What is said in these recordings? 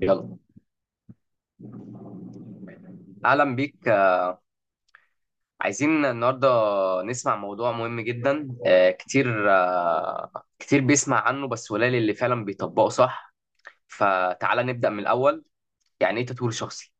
يلا، اهلا بيك. عايزين النهارده نسمع موضوع مهم جدا كتير كتير بيسمع عنه، بس قليل اللي فعلا بيطبقه صح. فتعالى نبدأ من الاول. يعني ايه تطوير شخصي؟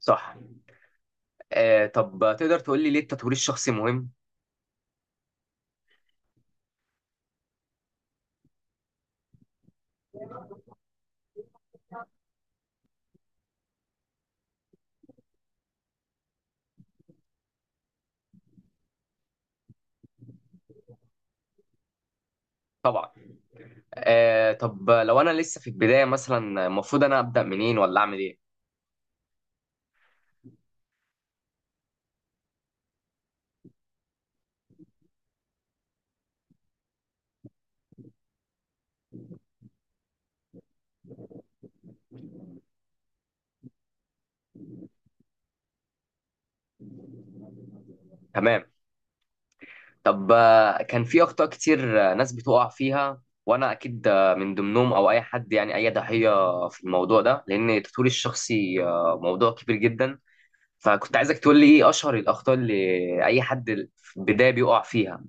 صح. طب تقدر تقول لي ليه التطوير الشخصي مهم؟ طبعا. طب لو انا لسه في البداية مثلا، المفروض انا أبدأ منين ولا اعمل ايه؟ تمام. طب كان في اخطاء كتير ناس بتقع فيها، وانا اكيد من ضمنهم، او اي حد، يعني اي ضحيه في الموضوع ده، لان تطوير الشخصي موضوع كبير جدا. فكنت عايزك تقول لي ايه اشهر الاخطاء اللي اي حد في البدايه بيقع فيها.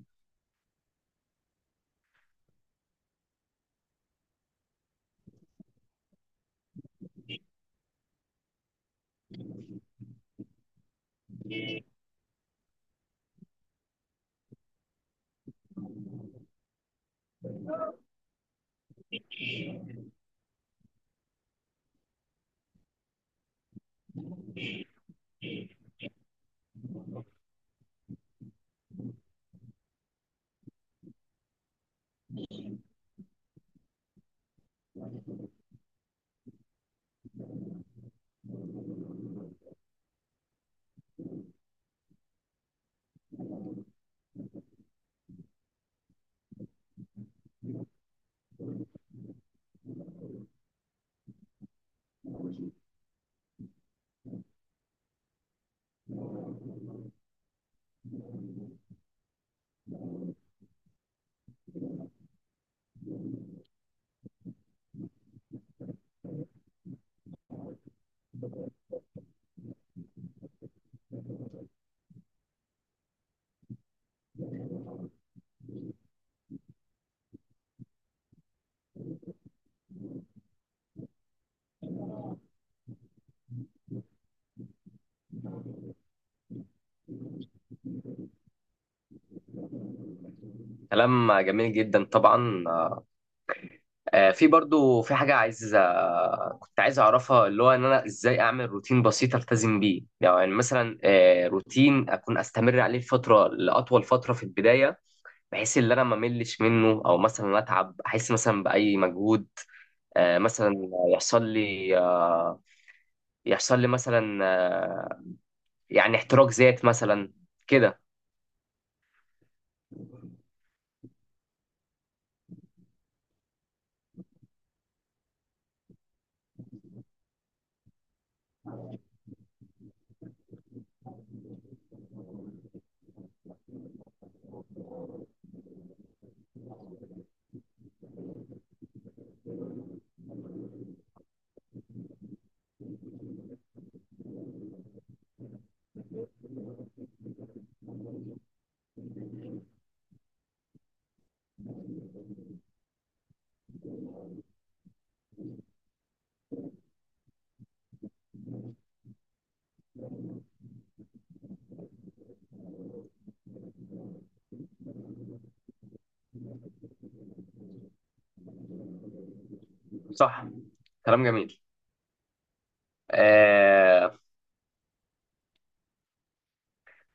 كلام جميل جدا طبعا. في برضو، في حاجه عايز آه، كنت عايز اعرفها، اللي هو ان انا ازاي اعمل روتين بسيط التزم بيه، يعني مثلا روتين اكون استمر عليه فتره لاطول فتره في البدايه، بحيث ان انا ما ملش منه، او مثلا اتعب، احس مثلا باي مجهود. مثلا يحصل لي آه، يحصل لي مثلا، يعني احتراق ذات مثلا كده. صح. كلام جميل. آه،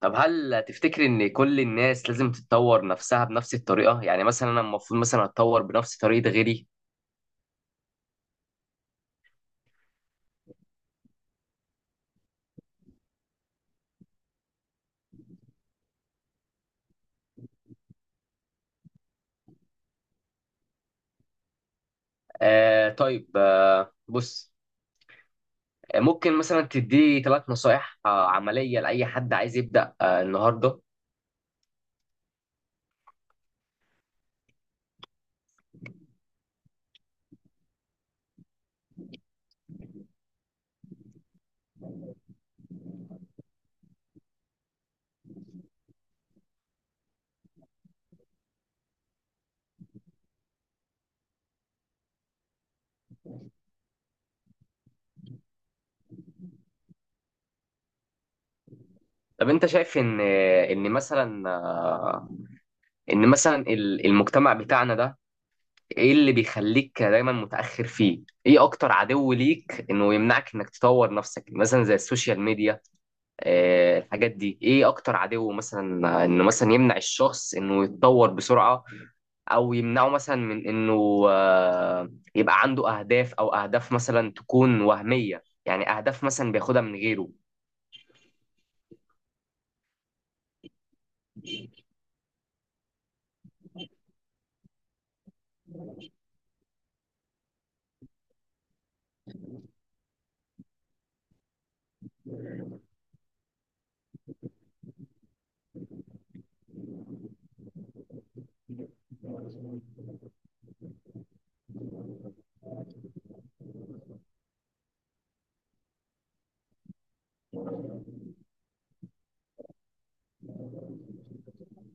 طب هل تفتكر ان كل الناس لازم تتطور نفسها بنفس الطريقة؟ يعني مثلا انا المفروض مثلا اتطور بنفس طريقة غيري؟ طيب. بص، ممكن مثلا تدي ثلاث نصائح عملية لأي حد عايز يبدأ النهاردة؟ طب انت شايف ان مثلا، ان مثلا المجتمع بتاعنا ده، ايه اللي بيخليك دايما متأخر فيه؟ ايه اكتر عدو ليك انه يمنعك انك تطور نفسك، مثلا زي السوشيال ميديا؟ اه، الحاجات دي، ايه اكتر عدو مثلا انه مثلا يمنع الشخص انه يتطور بسرعة، او يمنعه مثلا من انه يبقى عنده اهداف، او اهداف مثلا تكون وهمية، يعني اهداف مثلا بياخدها من غيره؟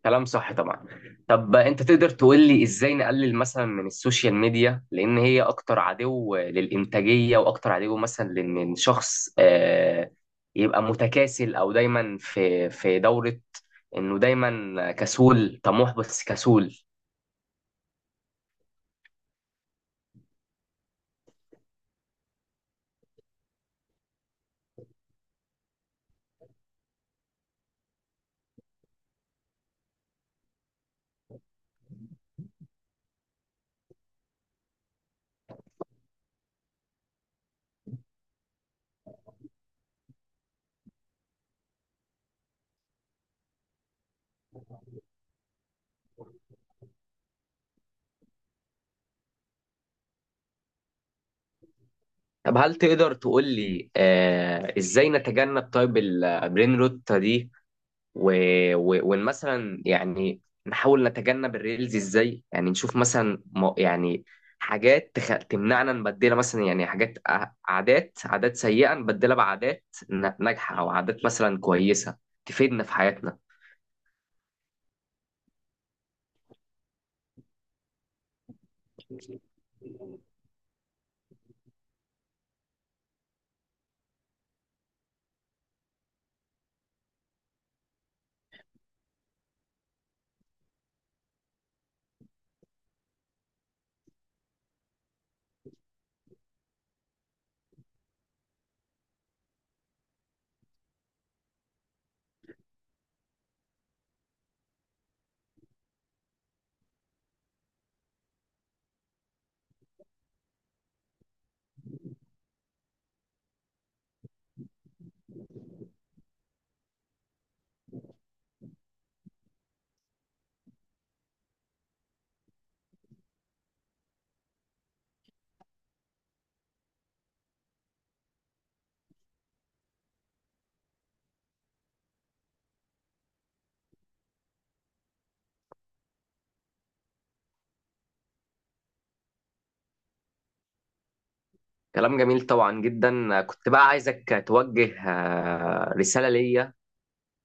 كلام صح طبعا. طب انت تقدر تقول لي ازاي نقلل مثلا من السوشيال ميديا، لان هي اكتر عدو للانتاجيه، واكتر عدو مثلا لان الشخص يبقى متكاسل، او دايما في دوره انه دايما كسول، طموح بس كسول؟ طب هل تقدر تقول لي ازاي نتجنب طيب البرين روت دي، و... وإن مثلا يعني نحاول نتجنب الريلز؟ ازاي يعني نشوف مثلا يعني حاجات تمنعنا نبدلها، مثلا يعني حاجات عادات سيئة نبدلها بعادات ناجحة، أو عادات مثلا كويسة تفيدنا في حياتنا. كلام جميل طبعا جدا. كنت بقى عايزك توجه رسالة ليا،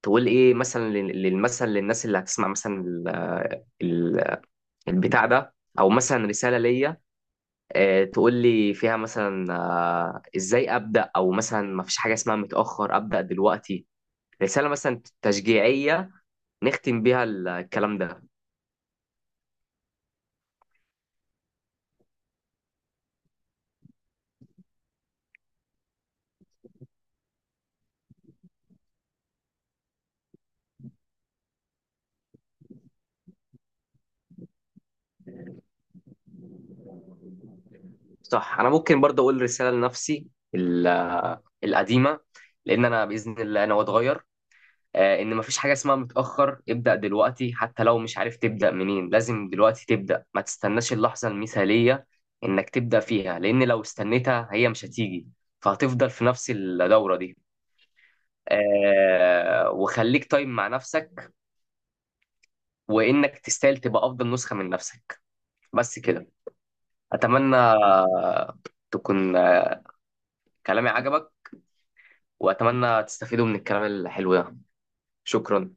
تقول ايه مثلا لل- للمثل للناس اللي هتسمع مثلا ال- البتاع ده، او مثلا رسالة ليا تقول لي فيها مثلا ازاي ابدا، او مثلا ما فيش حاجه اسمها متاخر ابدا دلوقتي. رساله مثلا تشجيعيه نختم بيها الكلام ده. صح. انا ممكن برضه اقول رساله لنفسي ال- القديمه، لان انا باذن الله انا واتغير. ان ما فيش حاجه اسمها متاخر ابدا دلوقتي، حتى لو مش عارف تبدا منين، لازم دلوقتي تبدا. ما تستناش اللحظه المثاليه انك تبدا فيها، لان لو استنيتها هي مش هتيجي، فهتفضل في نفس الدوره دي. وخليك طيب مع نفسك، وانك تستاهل تبقى افضل نسخة من نفسك. بس كده. اتمنى تكون كلامي عجبك، واتمنى تستفيدوا من الكلام الحلو ده. شكرا.